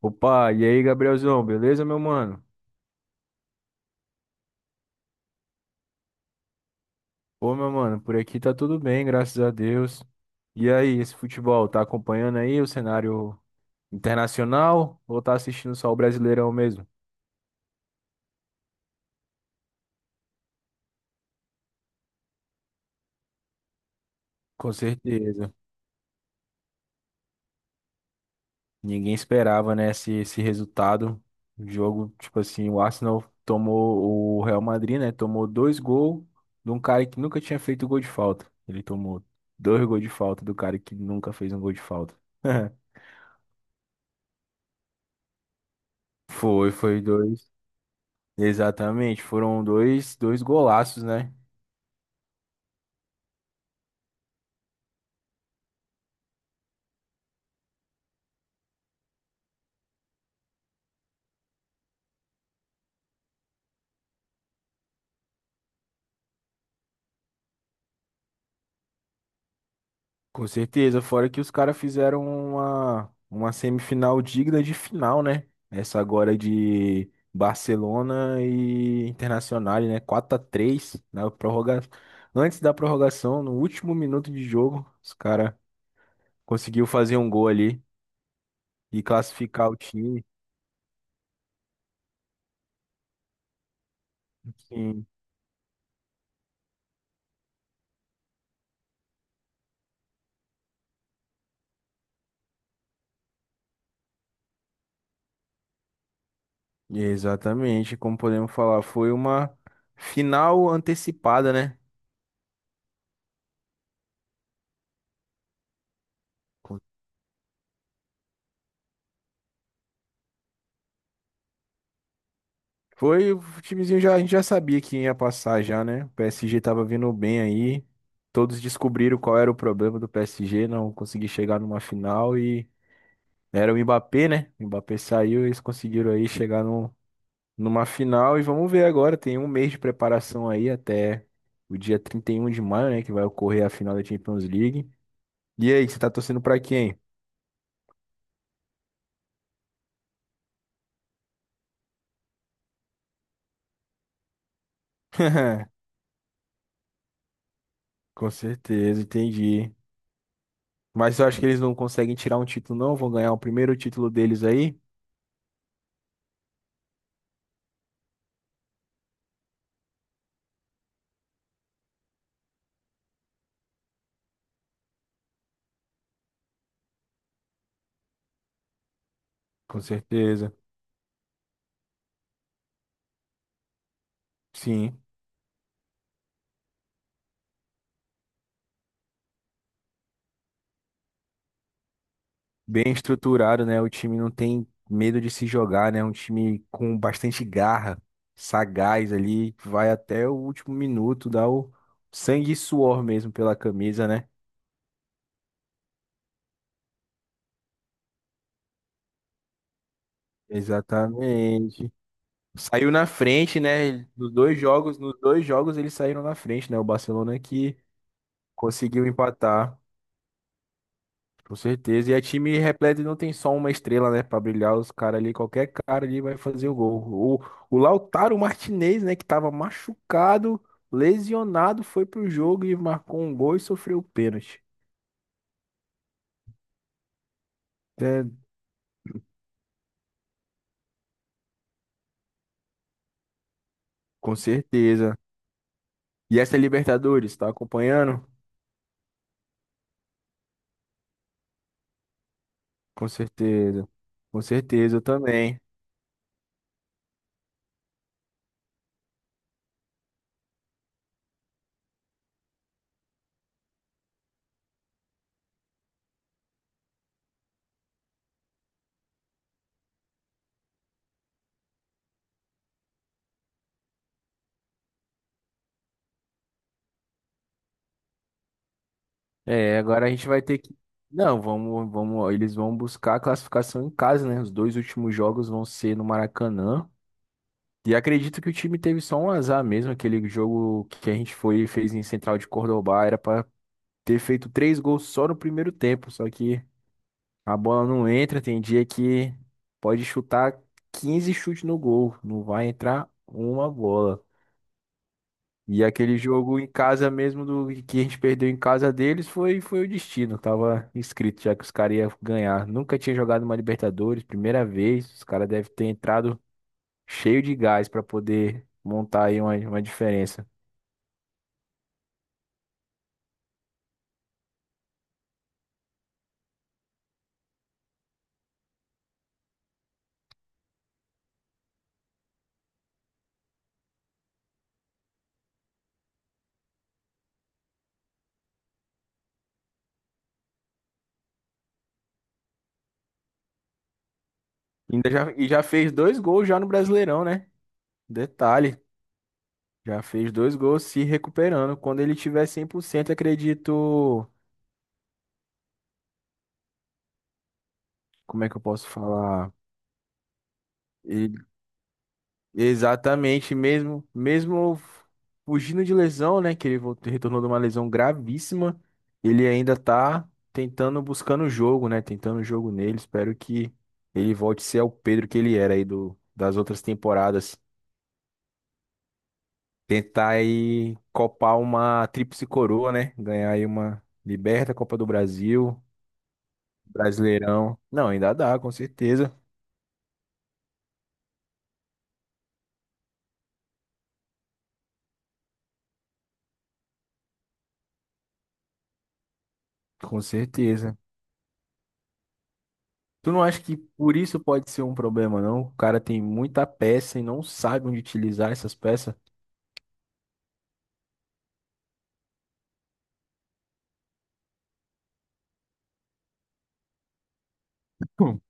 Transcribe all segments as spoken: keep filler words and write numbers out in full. Opa, e aí, Gabrielzão, beleza, meu mano? Pô, meu mano, por aqui tá tudo bem, graças a Deus. E aí, esse futebol, tá acompanhando aí o cenário internacional ou tá assistindo só o Brasileirão mesmo? Com certeza. Ninguém esperava, né, esse, esse resultado. O jogo, tipo assim, o Arsenal tomou o Real Madrid, né? Tomou dois gols de um cara que nunca tinha feito gol de falta. Ele tomou dois gols de falta do cara que nunca fez um gol de falta. Foi, foi dois. Exatamente, foram dois, dois golaços, né? Com certeza, fora que os caras fizeram uma, uma semifinal digna de final, né? Essa agora de Barcelona e Internacional, né? quatro a três na prorroga... antes da prorrogação, no último minuto de jogo, os caras conseguiu fazer um gol ali e classificar o time. Sim, exatamente, como podemos falar, foi uma final antecipada, né? Foi, o timezinho já, a gente já sabia que ia passar já, né? O P S G tava vindo bem aí. Todos descobriram qual era o problema do P S G, não conseguir chegar numa final e era o Mbappé, né? O Mbappé saiu, eles conseguiram aí chegar num- numa final e vamos ver agora, tem um mês de preparação aí até o dia trinta e um de maio, né, que vai ocorrer a final da Champions League. E aí, você tá torcendo pra quem? Com certeza, entendi. Mas eu acho que eles não conseguem tirar um título, não. Vão ganhar o primeiro título deles aí. Com certeza. Sim. Bem estruturado, né? O time não tem medo de se jogar, né? Um time com bastante garra, sagaz ali, vai até o último minuto, dá o sangue e suor mesmo pela camisa, né? Exatamente. Saiu na frente, né? Nos dois jogos, nos dois jogos eles saíram na frente, né? O Barcelona que conseguiu empatar. Com certeza. E é time repleto e não tem só uma estrela, né? Pra brilhar os caras ali. Qualquer cara ali vai fazer o gol. O, o Lautaro Martinez, né? Que tava machucado, lesionado, foi pro jogo e marcou um gol e sofreu o pênalti. É, com certeza. E essa é Libertadores, tá acompanhando? Com certeza. Com certeza eu também. É, agora a gente vai ter que. Não, vamos, vamos. Eles vão buscar a classificação em casa, né? Os dois últimos jogos vão ser no Maracanã. E acredito que o time teve só um azar mesmo, aquele jogo que a gente foi e fez em Central de Córdoba, era pra ter feito três gols só no primeiro tempo, só que a bola não entra, tem dia que pode chutar quinze chutes no gol, não vai entrar uma bola. E aquele jogo em casa mesmo do que a gente perdeu em casa deles foi foi o destino, tava escrito já que os caras iam ganhar. Nunca tinha jogado uma Libertadores, primeira vez, os caras devem ter entrado cheio de gás para poder montar aí uma, uma diferença. Ainda já, e já fez dois gols já no Brasileirão, né? Detalhe, já fez dois gols se recuperando. Quando ele tiver cem por cento, acredito. Como é que eu posso falar? E- Exatamente, mesmo, mesmo fugindo de lesão, né? Que ele voltou, retornou de uma lesão gravíssima, ele ainda tá tentando, buscando o jogo, né? Tentando o jogo nele. Espero que ele volte a ser o Pedro que ele era aí do, das outras temporadas. Tentar aí copar uma tríplice coroa, né? Ganhar aí uma Liberta, Copa do Brasil, Brasileirão. Não, ainda dá, com certeza. Com certeza. Tu não acha que por isso pode ser um problema, não? O cara tem muita peça e não sabe onde utilizar essas peças. Hum.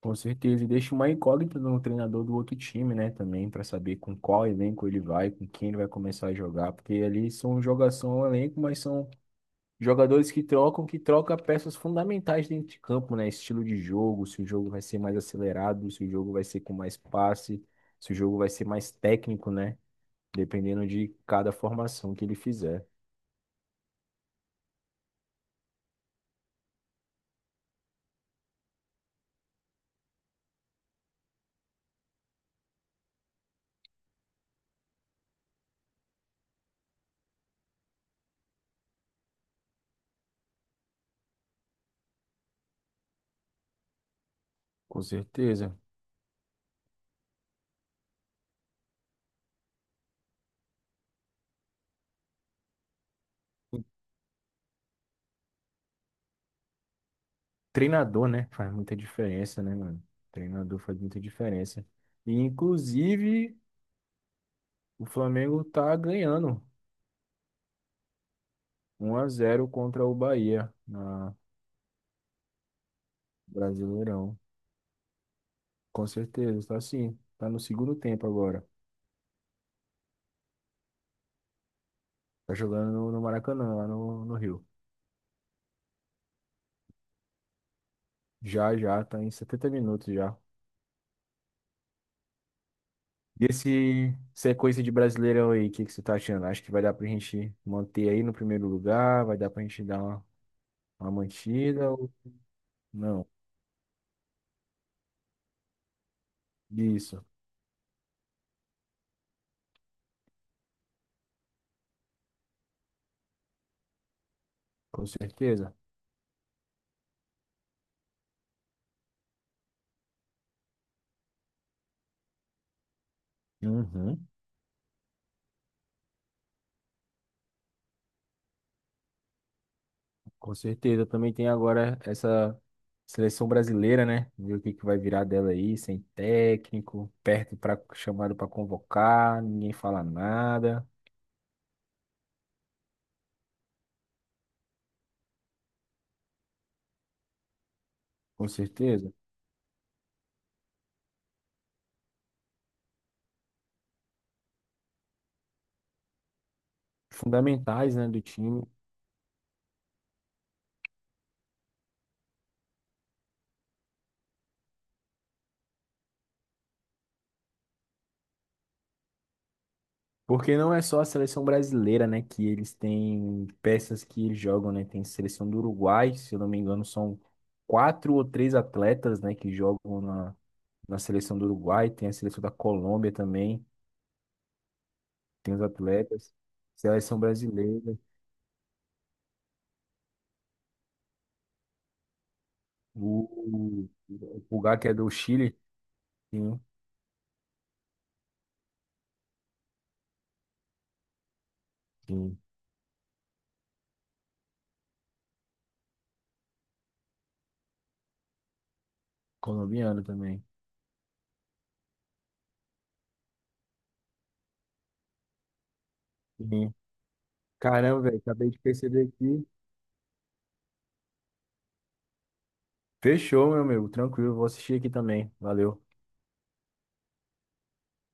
Com certeza. E deixa uma incógnita no treinador do outro time, né? Também, pra saber com qual elenco ele vai, com quem ele vai começar a jogar. Porque ali são jogação elenco, mas são jogadores que trocam, que troca peças fundamentais dentro de campo, né? Estilo de jogo, se o jogo vai ser mais acelerado, se o jogo vai ser com mais passe, se o jogo vai ser mais técnico, né? Dependendo de cada formação que ele fizer. Com certeza. O treinador, né? Faz muita diferença, né, mano? O treinador faz muita diferença. E, inclusive, o Flamengo tá ganhando um a zero contra o Bahia na Brasileirão. Com certeza, tá sim. Tá no segundo tempo agora. Tá jogando no, no Maracanã, lá no, no Rio. Já, já, tá em setenta minutos já. E esse sequência de Brasileirão aí, o que, que você tá achando? Acho que vai dar pra gente manter aí no primeiro lugar, vai dar pra gente dar uma, uma mantida ou não? Isso, com certeza. Uhum. Com certeza. Também tem agora essa seleção brasileira, né? Ver o que, que vai virar dela aí, sem técnico, perto para chamado para convocar, ninguém fala nada. Com certeza. Fundamentais, né, do time. Porque não é só a seleção brasileira, né, que eles têm peças que eles jogam, né? Tem seleção do Uruguai, se eu não me engano, são quatro ou três atletas, né, que jogam na, na seleção do Uruguai. Tem a seleção da Colômbia também, tem os atletas. Seleção brasileira, o o Pulgar, que é do Chile, sim, sim, colombiano também. Sim. Caramba, velho, acabei de perceber aqui. Fechou, meu amigo, tranquilo, vou assistir aqui também. Valeu.